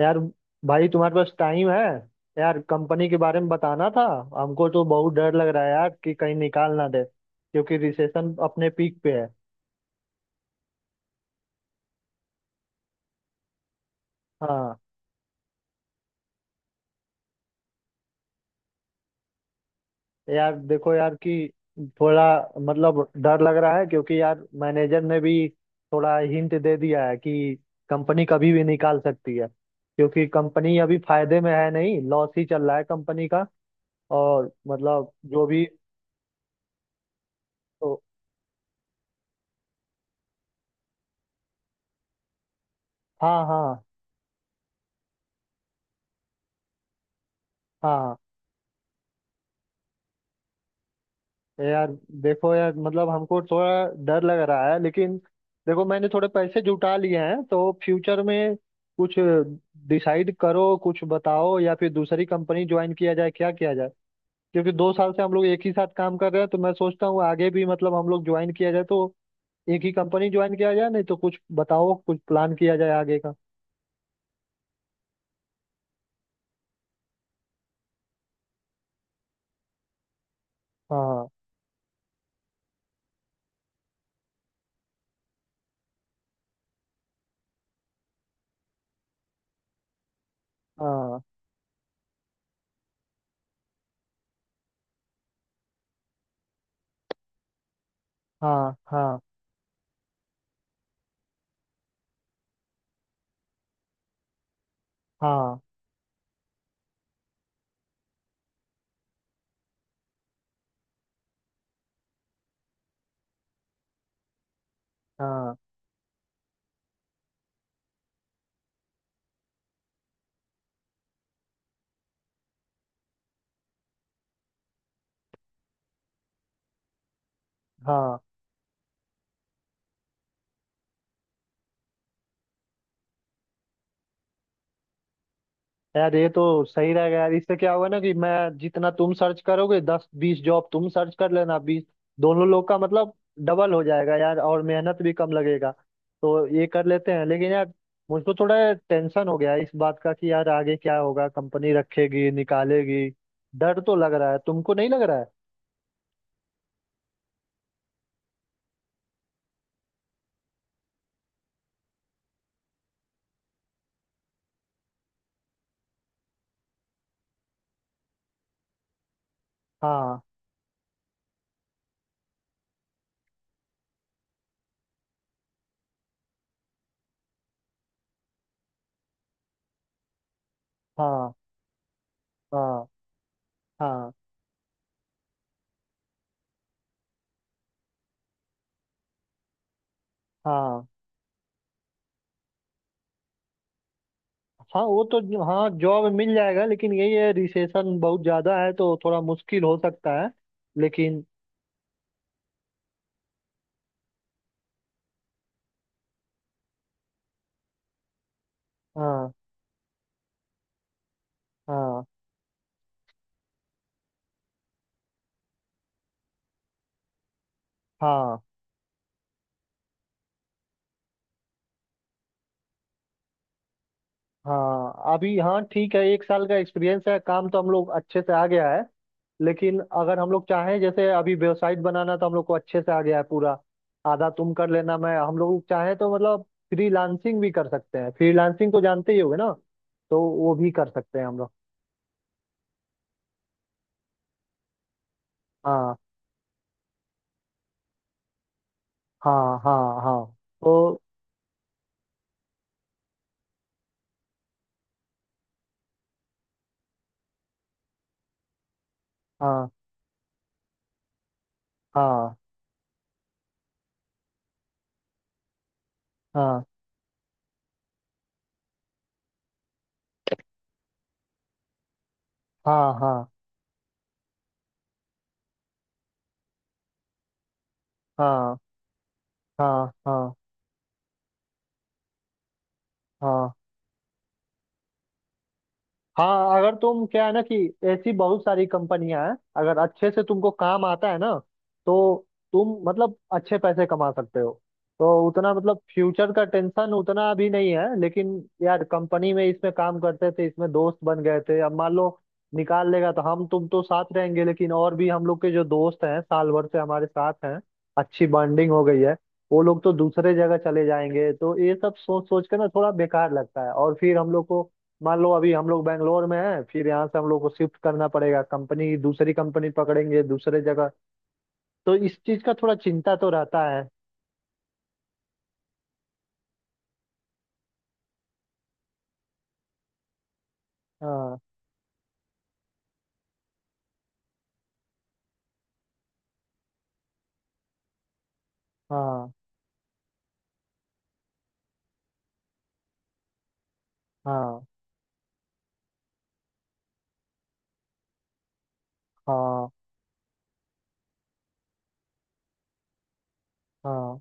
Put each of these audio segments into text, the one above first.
यार, भाई तुम्हारे पास टाइम है? यार कंपनी के बारे में बताना था। हमको तो बहुत डर लग रहा है यार कि कहीं निकाल ना दे, क्योंकि रिसेशन अपने पीक पे है। हाँ, यार देखो यार कि थोड़ा मतलब डर लग रहा है क्योंकि यार मैनेजर ने भी थोड़ा हिंट दे दिया है कि कंपनी कभी भी निकाल सकती है, क्योंकि कंपनी अभी फायदे में है नहीं, लॉस ही चल रहा है कंपनी का। और मतलब जो भी। तो, हाँ हाँ। हाँ यार, देखो यार, मतलब हमको थोड़ा डर लग रहा है लेकिन देखो मैंने थोड़े पैसे जुटा लिए हैं तो फ्यूचर में कुछ डिसाइड करो, कुछ बताओ, या फिर दूसरी कंपनी ज्वाइन किया जाए, क्या किया जाए। क्योंकि 2 साल से हम लोग एक ही साथ काम कर रहे हैं तो मैं सोचता हूँ आगे भी मतलब हम लोग ज्वाइन किया जाए तो एक ही कंपनी ज्वाइन किया जाए, नहीं तो कुछ बताओ, कुछ प्लान किया जाए आगे का। हाँ हाँ। हाँ हाँ हाँ हाँ हाँ। यार ये तो सही रहेगा यार, इससे क्या होगा ना कि मैं जितना तुम सर्च करोगे, 10 20 जॉब तुम सर्च कर लेना, बीस दोनों लोग का मतलब डबल हो जाएगा यार, और मेहनत भी कम लगेगा। तो ये कर लेते हैं, लेकिन यार मुझको थोड़ा टेंशन हो गया है इस बात का कि यार आगे क्या होगा, कंपनी रखेगी निकालेगी। डर तो लग रहा है, तुमको नहीं लग रहा है? हाँ हाँ हाँ हाँ हाँ। हाँ, वो तो। हाँ, जॉब मिल जाएगा लेकिन यही है रिसेशन बहुत ज्यादा है तो थोड़ा मुश्किल हो सकता है। लेकिन, हाँ हाँ हाँ। हाँ अभी हाँ ठीक है, 1 साल का एक्सपीरियंस है, काम तो हम लोग अच्छे से आ गया है। लेकिन अगर हम लोग चाहें, जैसे अभी वेबसाइट बनाना तो हम लोग को अच्छे से आ गया है पूरा। आधा तुम कर लेना, मैं हम लोग चाहें तो मतलब फ्रीलांसिंग भी कर सकते हैं। फ्रीलांसिंग को जानते ही होगे ना? तो वो भी कर सकते हैं हम लोग। हाँ हाँ हाँ। हाँ तो हाँ हाँ हाँ हाँ। हाँ हाँ हाँ हाँ हाँ हाँ। अगर तुम, क्या है ना कि ऐसी बहुत सारी कंपनियां हैं, अगर अच्छे से तुमको काम आता है ना, तो तुम मतलब अच्छे पैसे कमा सकते हो। तो उतना मतलब फ्यूचर का टेंशन उतना अभी नहीं है, लेकिन यार कंपनी में इसमें काम करते थे, इसमें दोस्त बन गए थे, अब मान लो निकाल लेगा तो हम तुम तो साथ रहेंगे, लेकिन और भी हम लोग के जो दोस्त हैं, साल भर से हमारे साथ हैं, अच्छी बॉन्डिंग हो गई है। वो लोग तो दूसरे जगह चले जाएंगे, तो ये सब सोच सोच के ना थोड़ा बेकार लगता है। और फिर हम लोग को, मान लो अभी हम लोग बैंगलोर में हैं, फिर यहाँ से हम लोग को शिफ्ट करना पड़ेगा कंपनी, दूसरी कंपनी पकड़ेंगे दूसरे जगह, तो इस चीज का थोड़ा चिंता तो रहता है। हाँ हाँ हाँ हाँ हाँ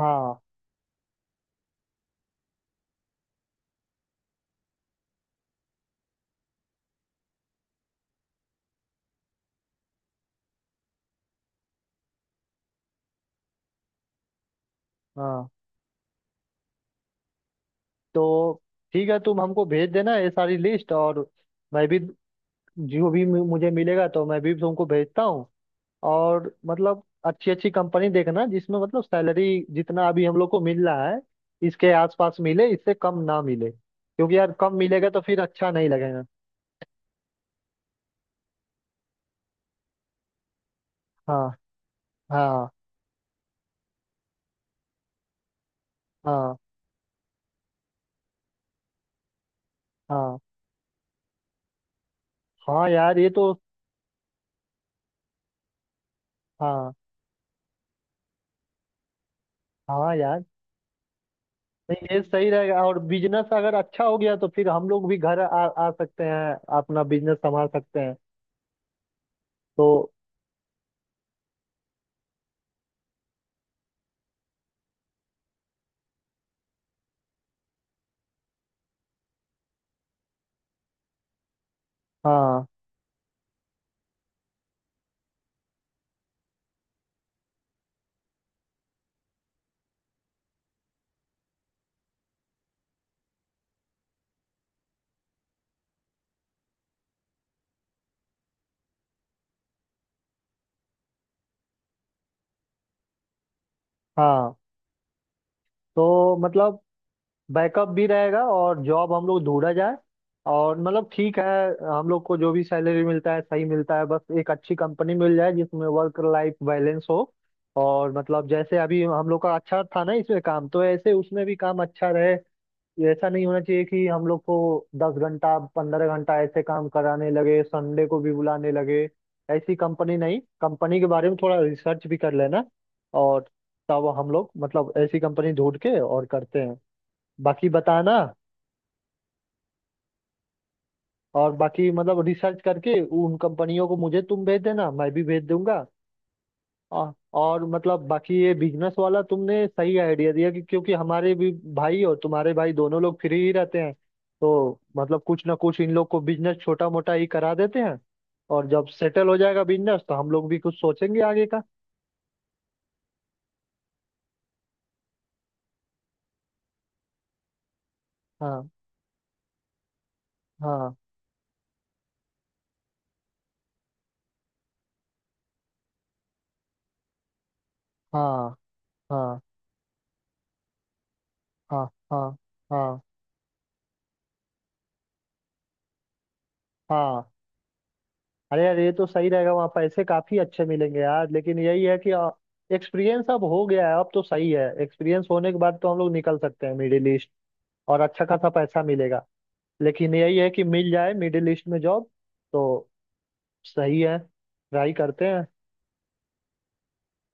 हाँ हाँ। तो ठीक है, तुम हमको भेज देना ये सारी लिस्ट, और मैं भी जो भी मुझे मिलेगा तो मैं भी तुमको भेजता हूँ। और मतलब अच्छी अच्छी कंपनी देखना जिसमें मतलब सैलरी जितना अभी हम लोग को मिल रहा है इसके आसपास मिले, इससे कम ना मिले, क्योंकि यार कम मिलेगा तो फिर अच्छा नहीं लगेगा। हाँ हाँ हाँ हाँ हाँ। यार, ये तो हाँ हाँ। यार नहीं, ये सही रहेगा, और बिजनेस अगर अच्छा हो गया तो फिर हम लोग भी घर आ सकते हैं, अपना बिजनेस संभाल सकते हैं। तो हाँ हाँ। तो मतलब बैकअप भी रहेगा और जॉब हम लोग ढूंढा जाए। और मतलब ठीक है, हम लोग को जो भी सैलरी मिलता है सही मिलता है, बस एक अच्छी कंपनी मिल जाए जिसमें वर्क लाइफ बैलेंस हो। और मतलब जैसे अभी हम लोग का अच्छा था ना इसमें काम, तो ऐसे उसमें भी काम अच्छा रहे। ये ऐसा नहीं होना चाहिए कि हम लोग को 10 घंटा 15 घंटा ऐसे काम कराने लगे, संडे को भी बुलाने लगे। ऐसी कंपनी नहीं, कंपनी के बारे में थोड़ा रिसर्च भी कर लेना। और तब हम लोग मतलब ऐसी कंपनी ढूंढ के और करते हैं। बाकी बताना। और बाकी मतलब रिसर्च करके उन कंपनियों को मुझे तुम भेज देना, मैं भी भेज दूंगा। और मतलब बाकी ये बिजनेस वाला तुमने सही आइडिया दिया कि क्योंकि हमारे भी भाई और तुम्हारे भाई दोनों लोग फ्री ही रहते हैं, तो मतलब कुछ ना कुछ इन लोग को बिजनेस छोटा मोटा ही करा देते हैं। और जब सेटल हो जाएगा बिजनेस तो हम लोग भी कुछ सोचेंगे आगे का। हाँ हाँ हाँ हाँ हाँ हाँ हाँ हाँ। अरे यार ये तो सही रहेगा, वहाँ पैसे काफी अच्छे मिलेंगे यार, लेकिन यही है कि एक्सपीरियंस अब हो गया है, अब तो सही है, एक्सपीरियंस होने के बाद तो हम लोग निकल सकते हैं मिडिल ईस्ट, और अच्छा खासा पैसा मिलेगा। लेकिन यही है कि मिल जाए मिडिल ईस्ट में जॉब। तो सही है, ट्राई करते हैं।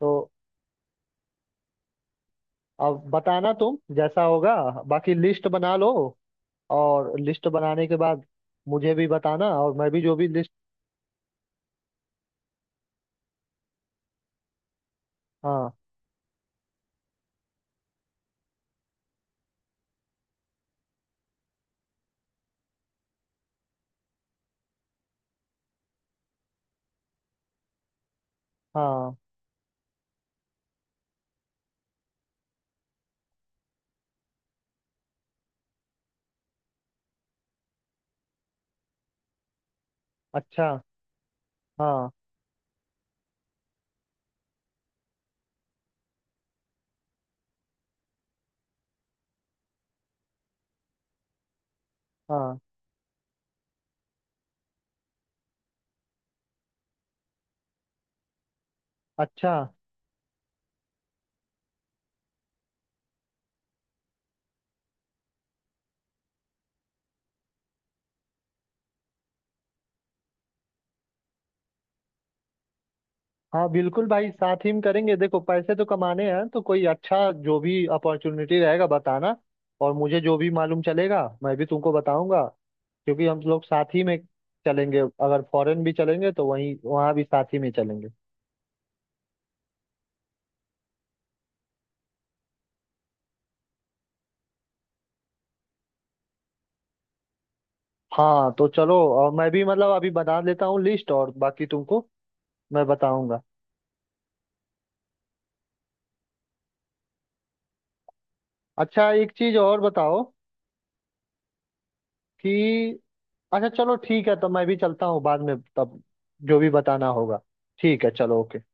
तो अब बताना, तुम जैसा होगा। बाकी लिस्ट बना लो, और लिस्ट बनाने के बाद मुझे भी बताना, और मैं भी जो भी लिस्ट। हाँ हाँ। अच्छा। हाँ हाँ। अच्छा। हाँ, बिल्कुल भाई, साथ ही में करेंगे। देखो पैसे तो कमाने हैं, तो कोई अच्छा जो भी अपॉर्चुनिटी रहेगा बताना, और मुझे जो भी मालूम चलेगा मैं भी तुमको बताऊंगा, क्योंकि हम लोग साथ ही में चलेंगे, अगर फॉरेन भी चलेंगे तो वहीं, वहाँ भी साथ ही में चलेंगे। हाँ, तो चलो, और मैं भी मतलब अभी बना लेता हूँ लिस्ट, और बाकी तुमको मैं बताऊंगा। अच्छा एक चीज और बताओ कि, अच्छा चलो ठीक है, तो मैं भी चलता हूँ, बाद में तब जो भी बताना होगा। ठीक है, चलो, ओके।